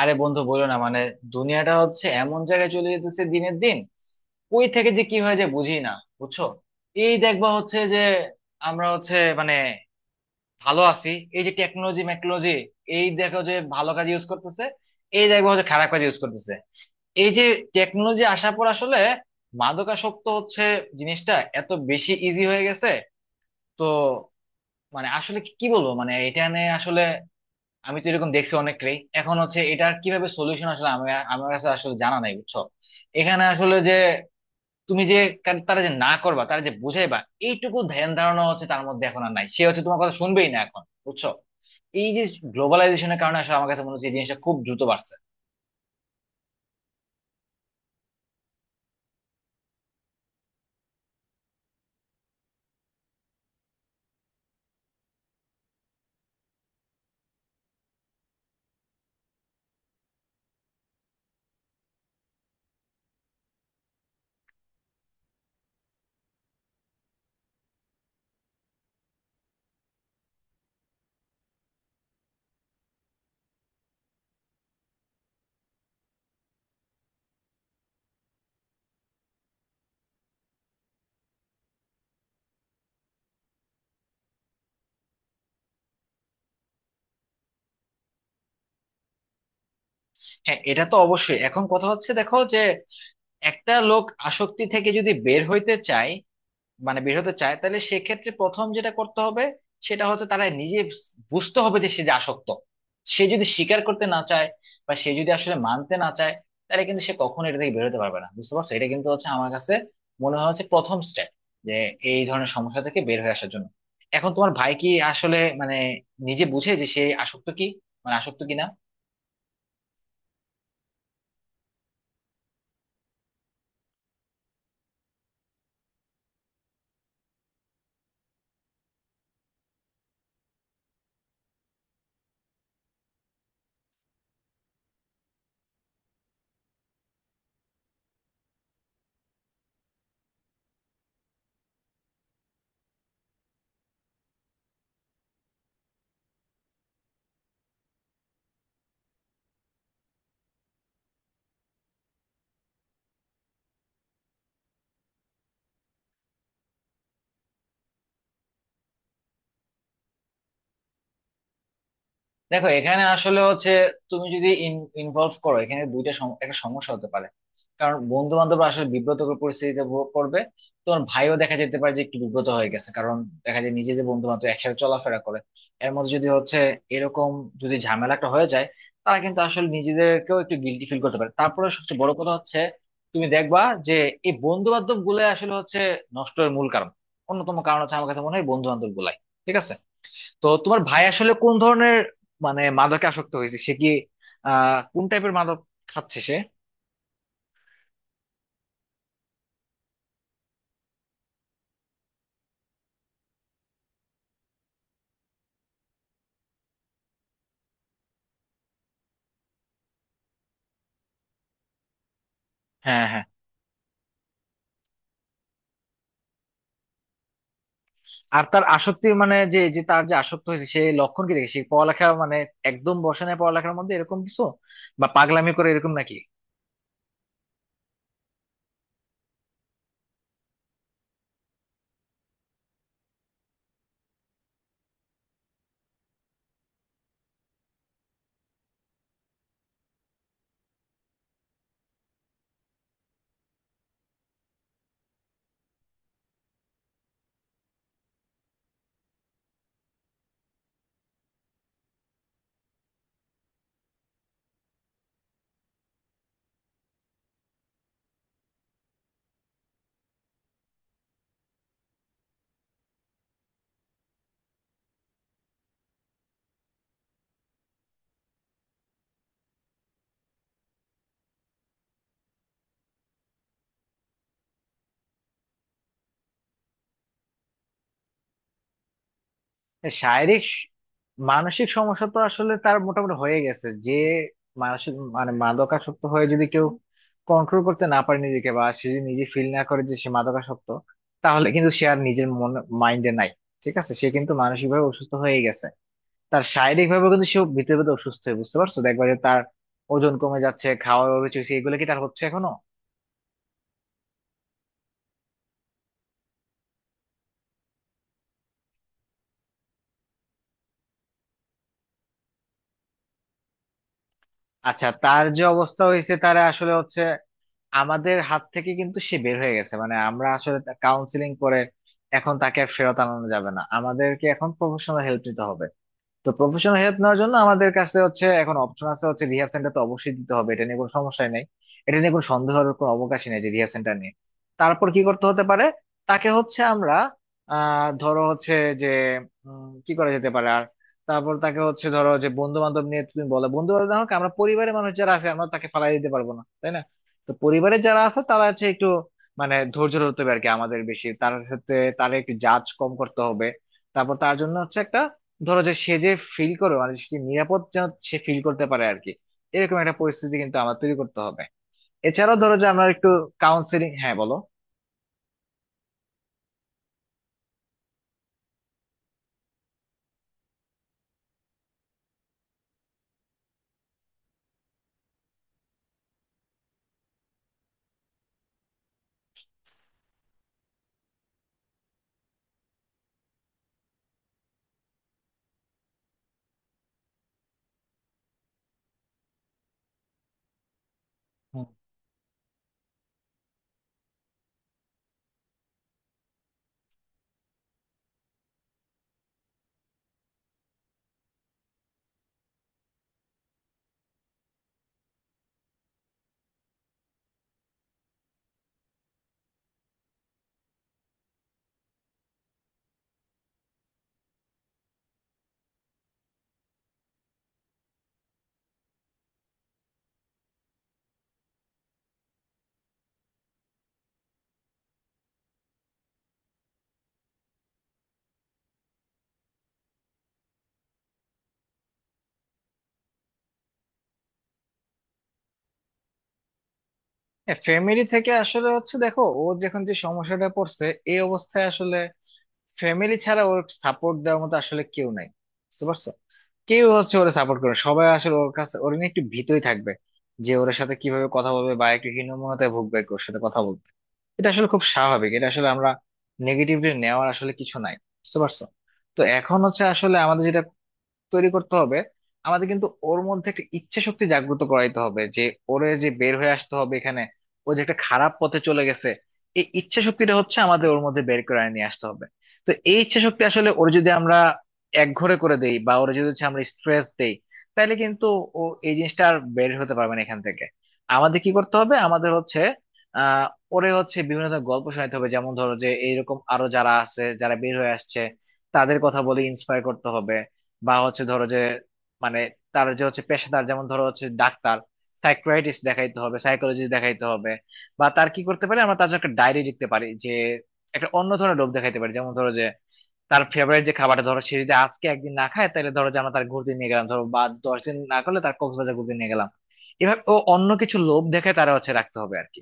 আরে বন্ধু বলো না, মানে দুনিয়াটা হচ্ছে এমন জায়গায় চলে যেতেছে দিনের দিন। কই থেকে যে কি হয়ে যায় বুঝি না, বুঝছো? এই দেখবা হচ্ছে যে আমরা হচ্ছে মানে ভালো আছি এই যে টেকনোলজি মেকনোলজি। এই দেখো যে ভালো কাজ ইউজ করতেছে, এই দেখবা হচ্ছে খারাপ কাজ ইউজ করতেছে। এই যে টেকনোলজি আসার পর আসলে মাদকাসক্ত হচ্ছে জিনিসটা এত বেশি ইজি হয়ে গেছে। তো মানে আসলে কি কি বলবো, মানে এটা নিয়ে আসলে আমি তো এরকম দেখছি অনেককেই এখন। হচ্ছে এটার কিভাবে সলিউশন আসলে আমার কাছে আসলে জানা নাই, বুঝছো? এখানে আসলে যে তুমি যে তারা যে না করবা, তারা যে বুঝাইবা এইটুকু ধ্যান ধারণা হচ্ছে তার মধ্যে এখন আর নাই। সে হচ্ছে তোমার কথা শুনবেই না এখন, বুঝছো? এই যে গ্লোবালাইজেশনের কারণে আসলে আমার কাছে মনে হচ্ছে এই জিনিসটা খুব দ্রুত বাড়ছে। হ্যাঁ, এটা তো অবশ্যই। এখন কথা হচ্ছে দেখো যে একটা লোক আসক্তি থেকে যদি বের হইতে চায়, মানে বের হতে চায়, তাহলে সেক্ষেত্রে প্রথম যেটা করতে হবে সেটা হচ্ছে তারা নিজে বুঝতে হবে যে সে যে আসক্ত। সে যদি স্বীকার করতে না চায় বা সে যদি আসলে মানতে না চায়, তাহলে কিন্তু সে কখনো এটা থেকে বেরোতে পারবে না। বুঝতে পারছো? এটা কিন্তু হচ্ছে আমার কাছে মনে হয় হচ্ছে প্রথম স্টেপ যে এই ধরনের সমস্যা থেকে বের হয়ে আসার জন্য। এখন তোমার ভাই কি আসলে মানে নিজে বুঝে যে সে আসক্ত কি, মানে আসক্ত কিনা? দেখো এখানে আসলে হচ্ছে তুমি যদি ইনভলভ করো, এখানে একটা সমস্যা হতে পারে। কারণ বন্ধু বান্ধব আসলে বিব্রতকর পরিস্থিতিতে পড়বে। তোমার ভাইও দেখা যেতে পারে যে একটু বিব্রত হয়ে গেছে, কারণ দেখা যায় নিজে যে বন্ধু বান্ধব একসাথে চলাফেরা করে এর মধ্যে যদি হচ্ছে এরকম যদি ঝামেলাটা হয়ে যায়, তারা কিন্তু আসলে নিজেদেরকেও একটু গিল্টি ফিল করতে পারে। তারপরে সবচেয়ে বড় কথা হচ্ছে তুমি দেখবা যে এই বন্ধু বান্ধব গুলাই আসলে হচ্ছে নষ্টের মূল কারণ, অন্যতম কারণ হচ্ছে আমার কাছে মনে হয় বন্ধু বান্ধব গুলাই। ঠিক আছে? তো তোমার ভাই আসলে কোন ধরনের মানে মাদকে আসক্ত হয়েছে? সে কি কোন টাইপের মাদক খাচ্ছে সে? হ্যাঁ, হ্যাঁ। আর তার আসক্তি মানে যে যে তার যে আসক্ত হয়েছে, সে লক্ষণ কি দেখে? সে পড়ালেখা মানে একদম বসে না পড়ালেখার মধ্যে, এরকম কিছু? বা পাগলামি করে, এরকম নাকি? শারীরিক স- মানসিক সমস্যা তো আসলে তার মোটামুটি হয়ে গেছে। যে মানসিক মানে মাদকাসক্ত হয়ে যদি কেউ কন্ট্রোল করতে না পারে নিজেকে, বা সে যদি নিজে ফিল না করে যে সে মাদকাসক্ত, তাহলে কিন্তু সে আর নিজের মন মাইন্ডে নাই। ঠিক আছে? সে কিন্তু মানসিক ভাবে অসুস্থ হয়ে গেছে। তার শারীরিক ভাবে কিন্তু সে ভিতরে ভিতরে অসুস্থ হয়ে, বুঝতে পারছো? দেখবা যে তার ওজন কমে যাচ্ছে, খাওয়ার অরুচি হচ্ছে, এগুলো কি তার হচ্ছে এখনো? আচ্ছা, তার যে অবস্থা হয়েছে তারা আসলে হচ্ছে আমাদের হাত থেকে কিন্তু সে বের হয়ে গেছে। মানে আমরা আসলে কাউন্সিলিং করে এখন তাকে আর ফেরত আনানো যাবে না, আমাদেরকে এখন প্রফেশনাল হেল্প নিতে হবে। তো প্রফেশনাল হেল্প নেওয়ার জন্য আমাদের কাছে হচ্ছে এখন অপশন আছে হচ্ছে রিহাব সেন্টার, তো অবশ্যই দিতে হবে, এটা নিয়ে কোনো সমস্যা নেই। এটা নিয়ে কোনো সন্দেহের কোনো অবকাশই নেই যে রিহাব সেন্টার নিয়ে। তারপর কি করতে হতে পারে? তাকে হচ্ছে আমরা ধরো হচ্ছে যে কি করা যেতে পারে। আর তারপর তাকে হচ্ছে ধরো যে বন্ধু বান্ধব নিয়ে তুমি বলো, বন্ধু বান্ধব না হোক, আমরা পরিবারের মানুষ যারা আছে আমরা তাকে ফালাই দিতে পারবো না, তাই না? তো পরিবারের যারা আছে তারা হচ্ছে একটু মানে ধৈর্য ধরতে হবে আর কি আমাদের বেশি তার সাথে। তারা একটু জাজ কম করতে হবে। তারপর তার জন্য হচ্ছে একটা ধরো যে সে যে ফিল করে মানে সে নিরাপদ যেন সে ফিল করতে পারে আর কি, এরকম একটা পরিস্থিতি কিন্তু আমার তৈরি করতে হবে। এছাড়াও ধরো যে আমরা একটু কাউন্সিলিং। হ্যাঁ বলো। হুম। হ্যাঁ, ফ্যামিলি থেকে আসলে হচ্ছে দেখো ও যখন যে সমস্যাটা পড়ছে এই অবস্থায় আসলে ফ্যামিলি ছাড়া ওর সাপোর্ট দেওয়ার মতো আসলে কেউ নাই। বুঝতে পারছো? কেউ হচ্ছে ওরা সাপোর্ট করে, সবাই আসলে ওর কাছে ওর নিয়ে একটু ভীতই থাকবে যে ওর সাথে কিভাবে কথা বলবে, বা একটু হীনমন্যতায় ভুগবে আর কি ওর সাথে কথা বলতে। এটা আসলে খুব স্বাভাবিক, এটা আসলে আমরা নেগেটিভলি নেওয়ার আসলে কিছু নাই। বুঝতে পারছো? তো এখন হচ্ছে আসলে আমাদের যেটা তৈরি করতে হবে, আমাদের কিন্তু ওর মধ্যে একটা ইচ্ছে শক্তি জাগ্রত করাইতে হবে যে ওরে যে বের হয়ে আসতে হবে এখানে, ও যে একটা খারাপ পথে চলে গেছে। এই ইচ্ছে শক্তিটা হচ্ছে আমাদের ওর মধ্যে বের করে নিয়ে আসতে হবে। তো এই ইচ্ছে শক্তি আসলে ওর যদি আমরা একঘরে করে দেই বা ওর যদি হচ্ছে আমরা স্ট্রেস দেই, তাহলে কিন্তু ও এই জিনিসটা আর বের হতে পারবে না এখান থেকে। আমাদের কি করতে হবে? আমাদের হচ্ছে আহ ওরে হচ্ছে বিভিন্ন ধরনের গল্প শোনাতে হবে, যেমন ধরো যে এইরকম আরো যারা আছে যারা বের হয়ে আসছে তাদের কথা বলে ইন্সপায়ার করতে হবে। বা হচ্ছে ধরো যে মানে তার যে হচ্ছে পেশাদার, যেমন ধরো হচ্ছে ডাক্তার, সাইকিয়াট্রিস্ট দেখাইতে হবে, সাইকোলজিস্ট দেখাইতে হবে। বা তার কি করতে পারি, আমরা তার জন্য একটা ডায়েরি লিখতে পারি যে একটা অন্য ধরনের রোগ দেখাইতে পারি। যেমন ধরো যে তার ফেভারিট যে খাবারটা, ধরো সে যদি আজকে একদিন না খায় তাহলে ধরো যে আমরা তার ঘুরতে নিয়ে গেলাম ধরো, বা 10 দিন না করলে তার কক্সবাজার ঘুরতে নিয়ে গেলাম। এভাবে ও অন্য কিছু লোভ দেখে তারা হচ্ছে রাখতে হবে আর কি।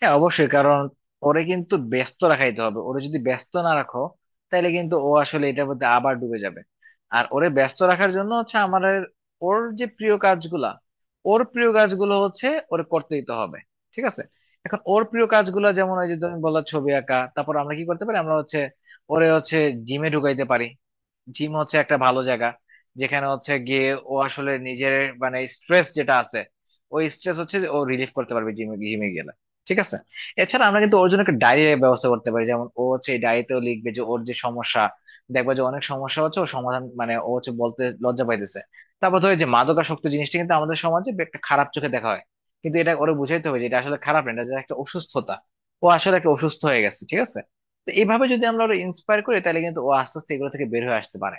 হ্যাঁ, অবশ্যই। কারণ ওরে কিন্তু ব্যস্ত রাখাইতে হবে, ওরে যদি ব্যস্ত না রাখো তাহলে কিন্তু ও আসলে এটার মধ্যে আবার ডুবে যাবে। আর ওরে ব্যস্ত রাখার জন্য হচ্ছে আমাদের ওর যে প্রিয় কাজগুলা, ওর প্রিয় কাজগুলো হচ্ছে ওরে করতে দিতে হবে। ঠিক আছে? এখন ওর প্রিয় কাজগুলো যেমন ওই যে তুমি বললা ছবি আঁকা, তারপর আমরা কি করতে পারি, আমরা হচ্ছে ওরে হচ্ছে জিমে ঢুকাইতে পারি। জিম হচ্ছে একটা ভালো জায়গা যেখানে হচ্ছে গিয়ে ও আসলে নিজের মানে স্ট্রেস যেটা আছে ওই স্ট্রেস হচ্ছে যে ও রিলিফ করতে পারবে জিমে, জিমে গেলে। ঠিক আছে? এছাড়া আমরা কিন্তু ওর জন্য একটা ডায়েরির ব্যবস্থা করতে পারি, যেমন ও হচ্ছে এই ডায়েরিতেও লিখবে যে ওর যে সমস্যা। দেখবা যে অনেক সমস্যা হচ্ছে ও সমাধান মানে ও হচ্ছে বলতে লজ্জা পাইতেছে। তারপর ধরো এই যে মাদকাসক্ত জিনিসটা কিন্তু আমাদের সমাজে একটা খারাপ চোখে দেখা হয়, কিন্তু এটা ওরে বুঝাইতে হবে যে এটা আসলে খারাপ না, এটা যে একটা অসুস্থতা। ও আসলে একটা অসুস্থ হয়ে গেছে। ঠিক আছে? তো এইভাবে যদি আমরা ওরা ইন্সপায়ার করি তাহলে কিন্তু ও আস্তে আস্তে এগুলো থেকে বের হয়ে আসতে পারে।